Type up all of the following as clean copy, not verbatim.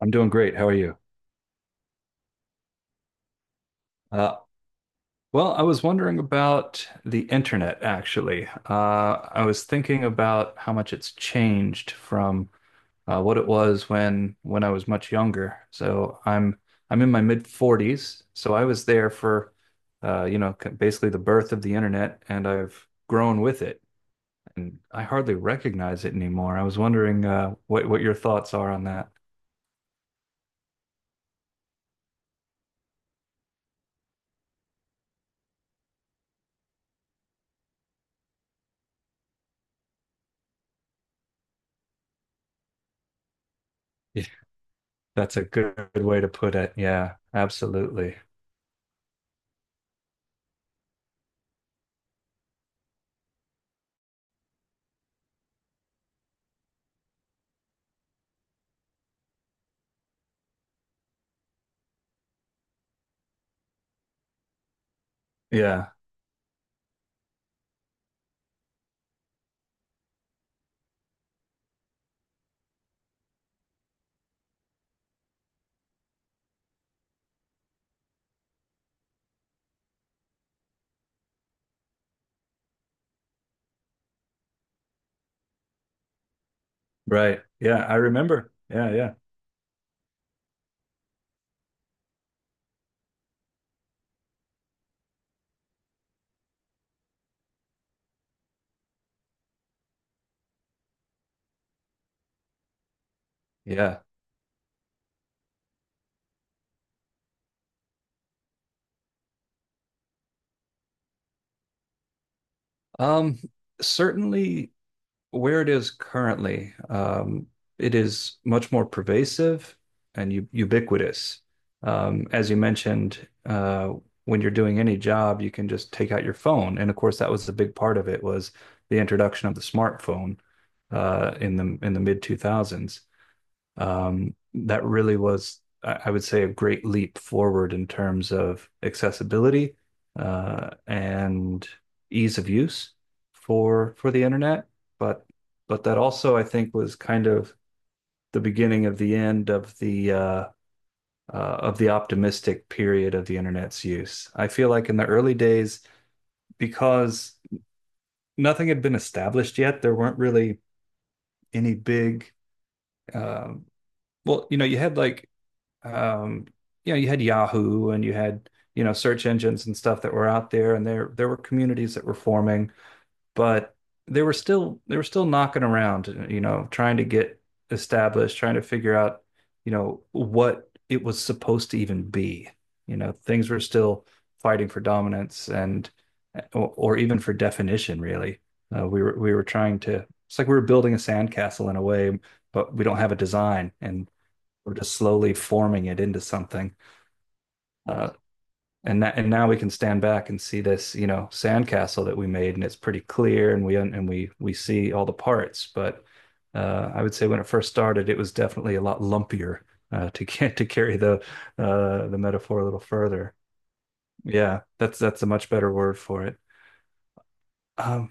I'm doing great. How are you? Uh, well, I was wondering about the internet, actually. I was thinking about how much it's changed from what it was when I was much younger. So I'm in my mid 40s, so I was there for basically the birth of the internet, and I've grown with it, and I hardly recognize it anymore. I was wondering what your thoughts are on that. Yeah, that's a good way to put it. Yeah, absolutely. Yeah. Right. Yeah, I remember. Yeah, yeah, yeah. Um, Certainly where it is currently, it is much more pervasive and u ubiquitous. As you mentioned, when you're doing any job, you can just take out your phone. And of course, that was the big part of it was the introduction of the smartphone in the mid 2000s. That really was, I would say, a great leap forward in terms of accessibility and ease of use for the internet. But that also, I think, was kind of the beginning of the end of the optimistic period of the internet's use. I feel like in the early days, because nothing had been established yet, there weren't really any big. Um well, you know, you had like um, you know, you had Yahoo and you had, you know, search engines and stuff that were out there and there were communities that were forming, but they were still knocking around, you know, trying to get established, trying to figure out, you know, what it was supposed to even be. You know, things were still fighting for dominance and or, even for definition, really. We were trying to, it's like we were building a sandcastle in a way, but we don't have a design and we're just slowly forming it into something. Uh, and that, and now we can stand back and see this, you know, sandcastle that we made, and it's pretty clear, and we see all the parts. But I would say when it first started, it was definitely a lot lumpier. To get to carry the metaphor a little further, yeah, that's a much better word for it. Um,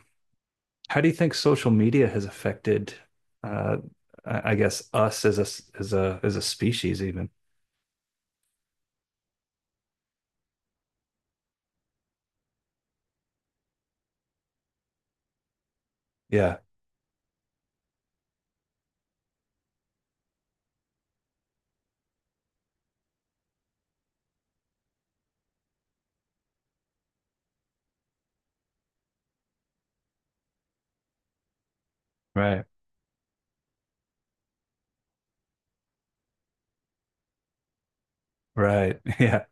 how do you think social media has affected, uh, I guess, us as a as a species? Even yeah, right, right, yeah.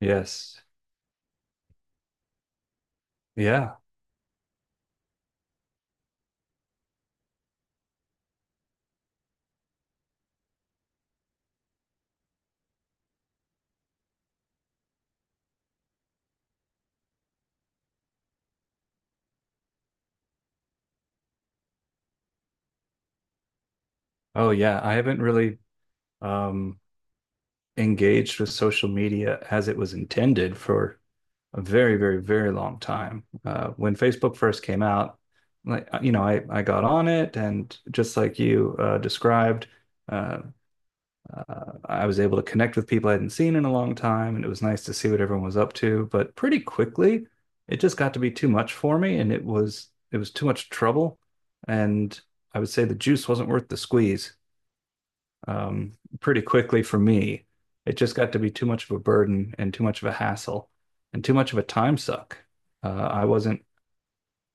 Yes. Yeah. Oh, yeah. I haven't really um, engaged with social media as it was intended for a very, very, very long time. When Facebook first came out, like you know, I got on it, and just like you described, uh, I was able to connect with people I hadn't seen in a long time, and it was nice to see what everyone was up to. But pretty quickly, it just got to be too much for me, and it was too much trouble, and I would say the juice wasn't worth the squeeze. Pretty quickly for me. It just got to be too much of a burden and too much of a hassle and too much of a time suck. Uh, I wasn't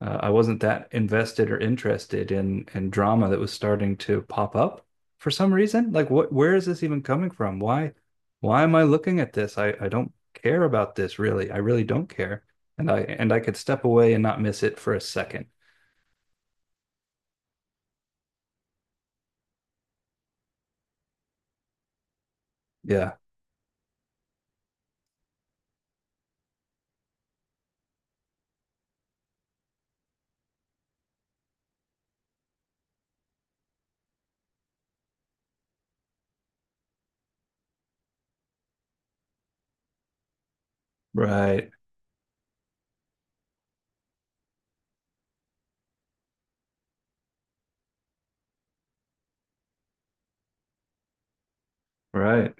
I wasn't that invested or interested in drama that was starting to pop up for some reason. Like what, where is this even coming from? Why am I looking at this? I don't care about this really. I really don't care. And I could step away and not miss it for a second. Yeah. Right. Right.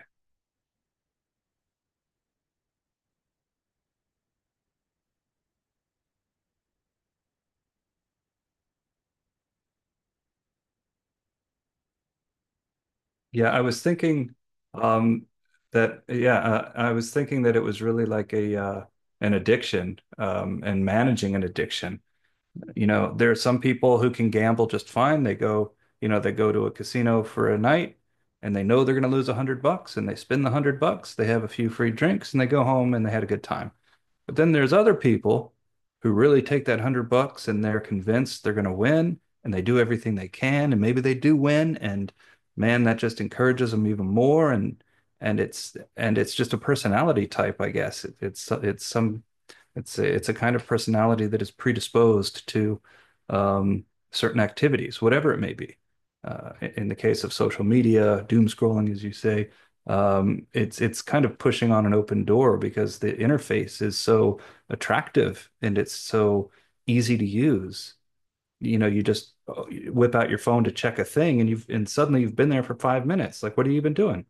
Yeah, I was thinking um yeah, I was thinking that it was really like a an addiction, and managing an addiction. You know, there are some people who can gamble just fine. They go, you know, they go to a casino for a night and they know they're going to lose $100 and they spend the $100. They have a few free drinks and they go home and they had a good time. But then there's other people who really take that $100 and they're convinced they're going to win and they do everything they can, and maybe they do win, and man, that just encourages them even more. And it's just a personality type, I guess. It, it's some it's a, It's a kind of personality that is predisposed to um, certain activities, whatever it may be, in the case of social media doom scrolling, as you say. It's kind of pushing on an open door because the interface is so attractive and it's so easy to use. You know, you just whip out your phone to check a thing, and you've and suddenly you've been there for 5 minutes. Like, what have you been doing?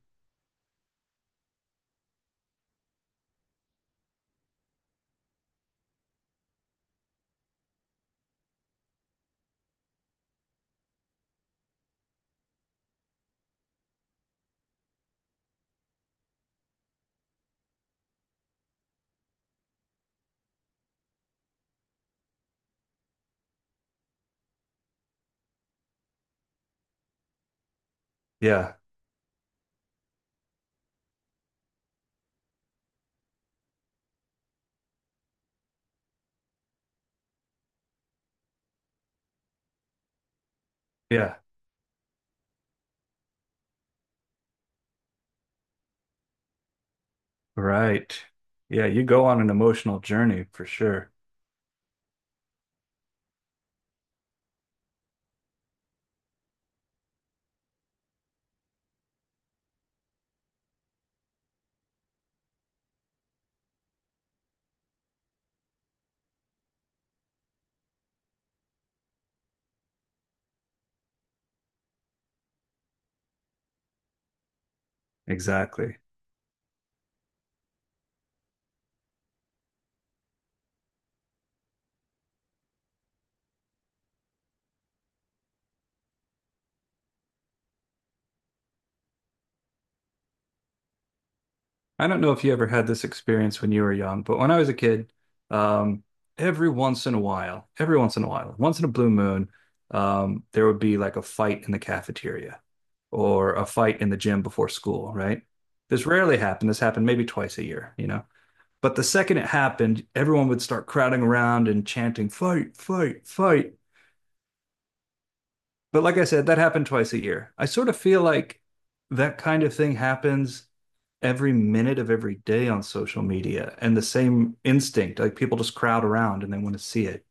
Yeah, yeah, right. Yeah, you go on an emotional journey for sure. Exactly. I don't know if you ever had this experience when you were young, but when I was a kid, um, every once in a while, once in a blue moon, there would be like a fight in the cafeteria or a fight in the gym before school, right? This rarely happened. This happened maybe twice a year, you know? But the second it happened, everyone would start crowding around and chanting, fight, fight, fight. But like I said, that happened twice a year. I sort of feel like that kind of thing happens every minute of every day on social media, and the same instinct, like people just crowd around and they want to see it.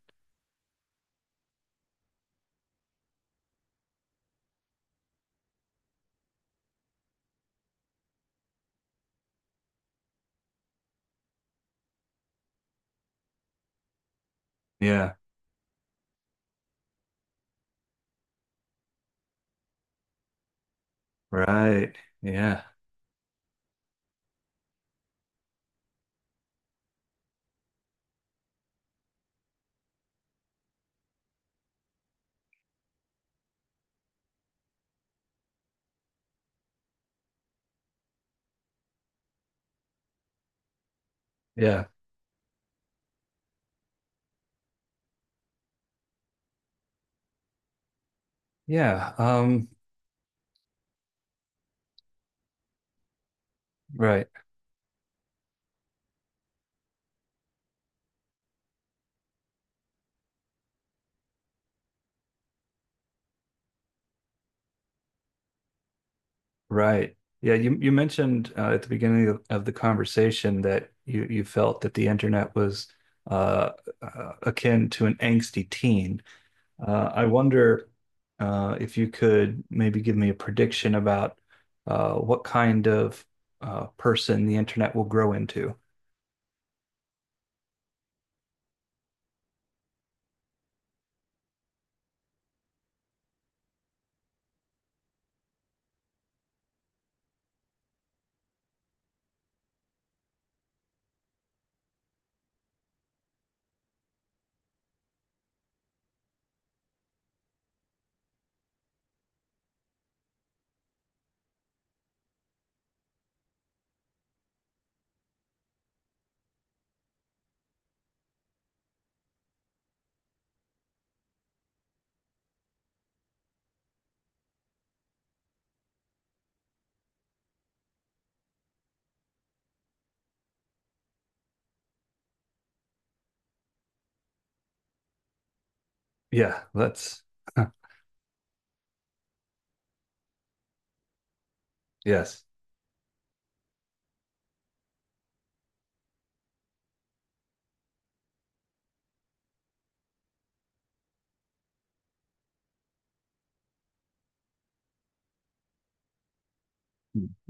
Yeah, right. Yeah. Yeah. Yeah. Right. Right. Yeah, you mentioned at the beginning of the conversation that you felt that the internet was uh, akin to an angsty teen. I wonder if you could maybe give me a prediction about what kind of person the internet will grow into. Yeah, that's yes.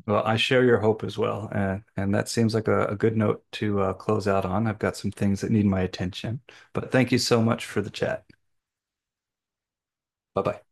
Well, I share your hope as well, and that seems like a good note to close out on. I've got some things that need my attention, but thank you so much for the chat. Bye bye.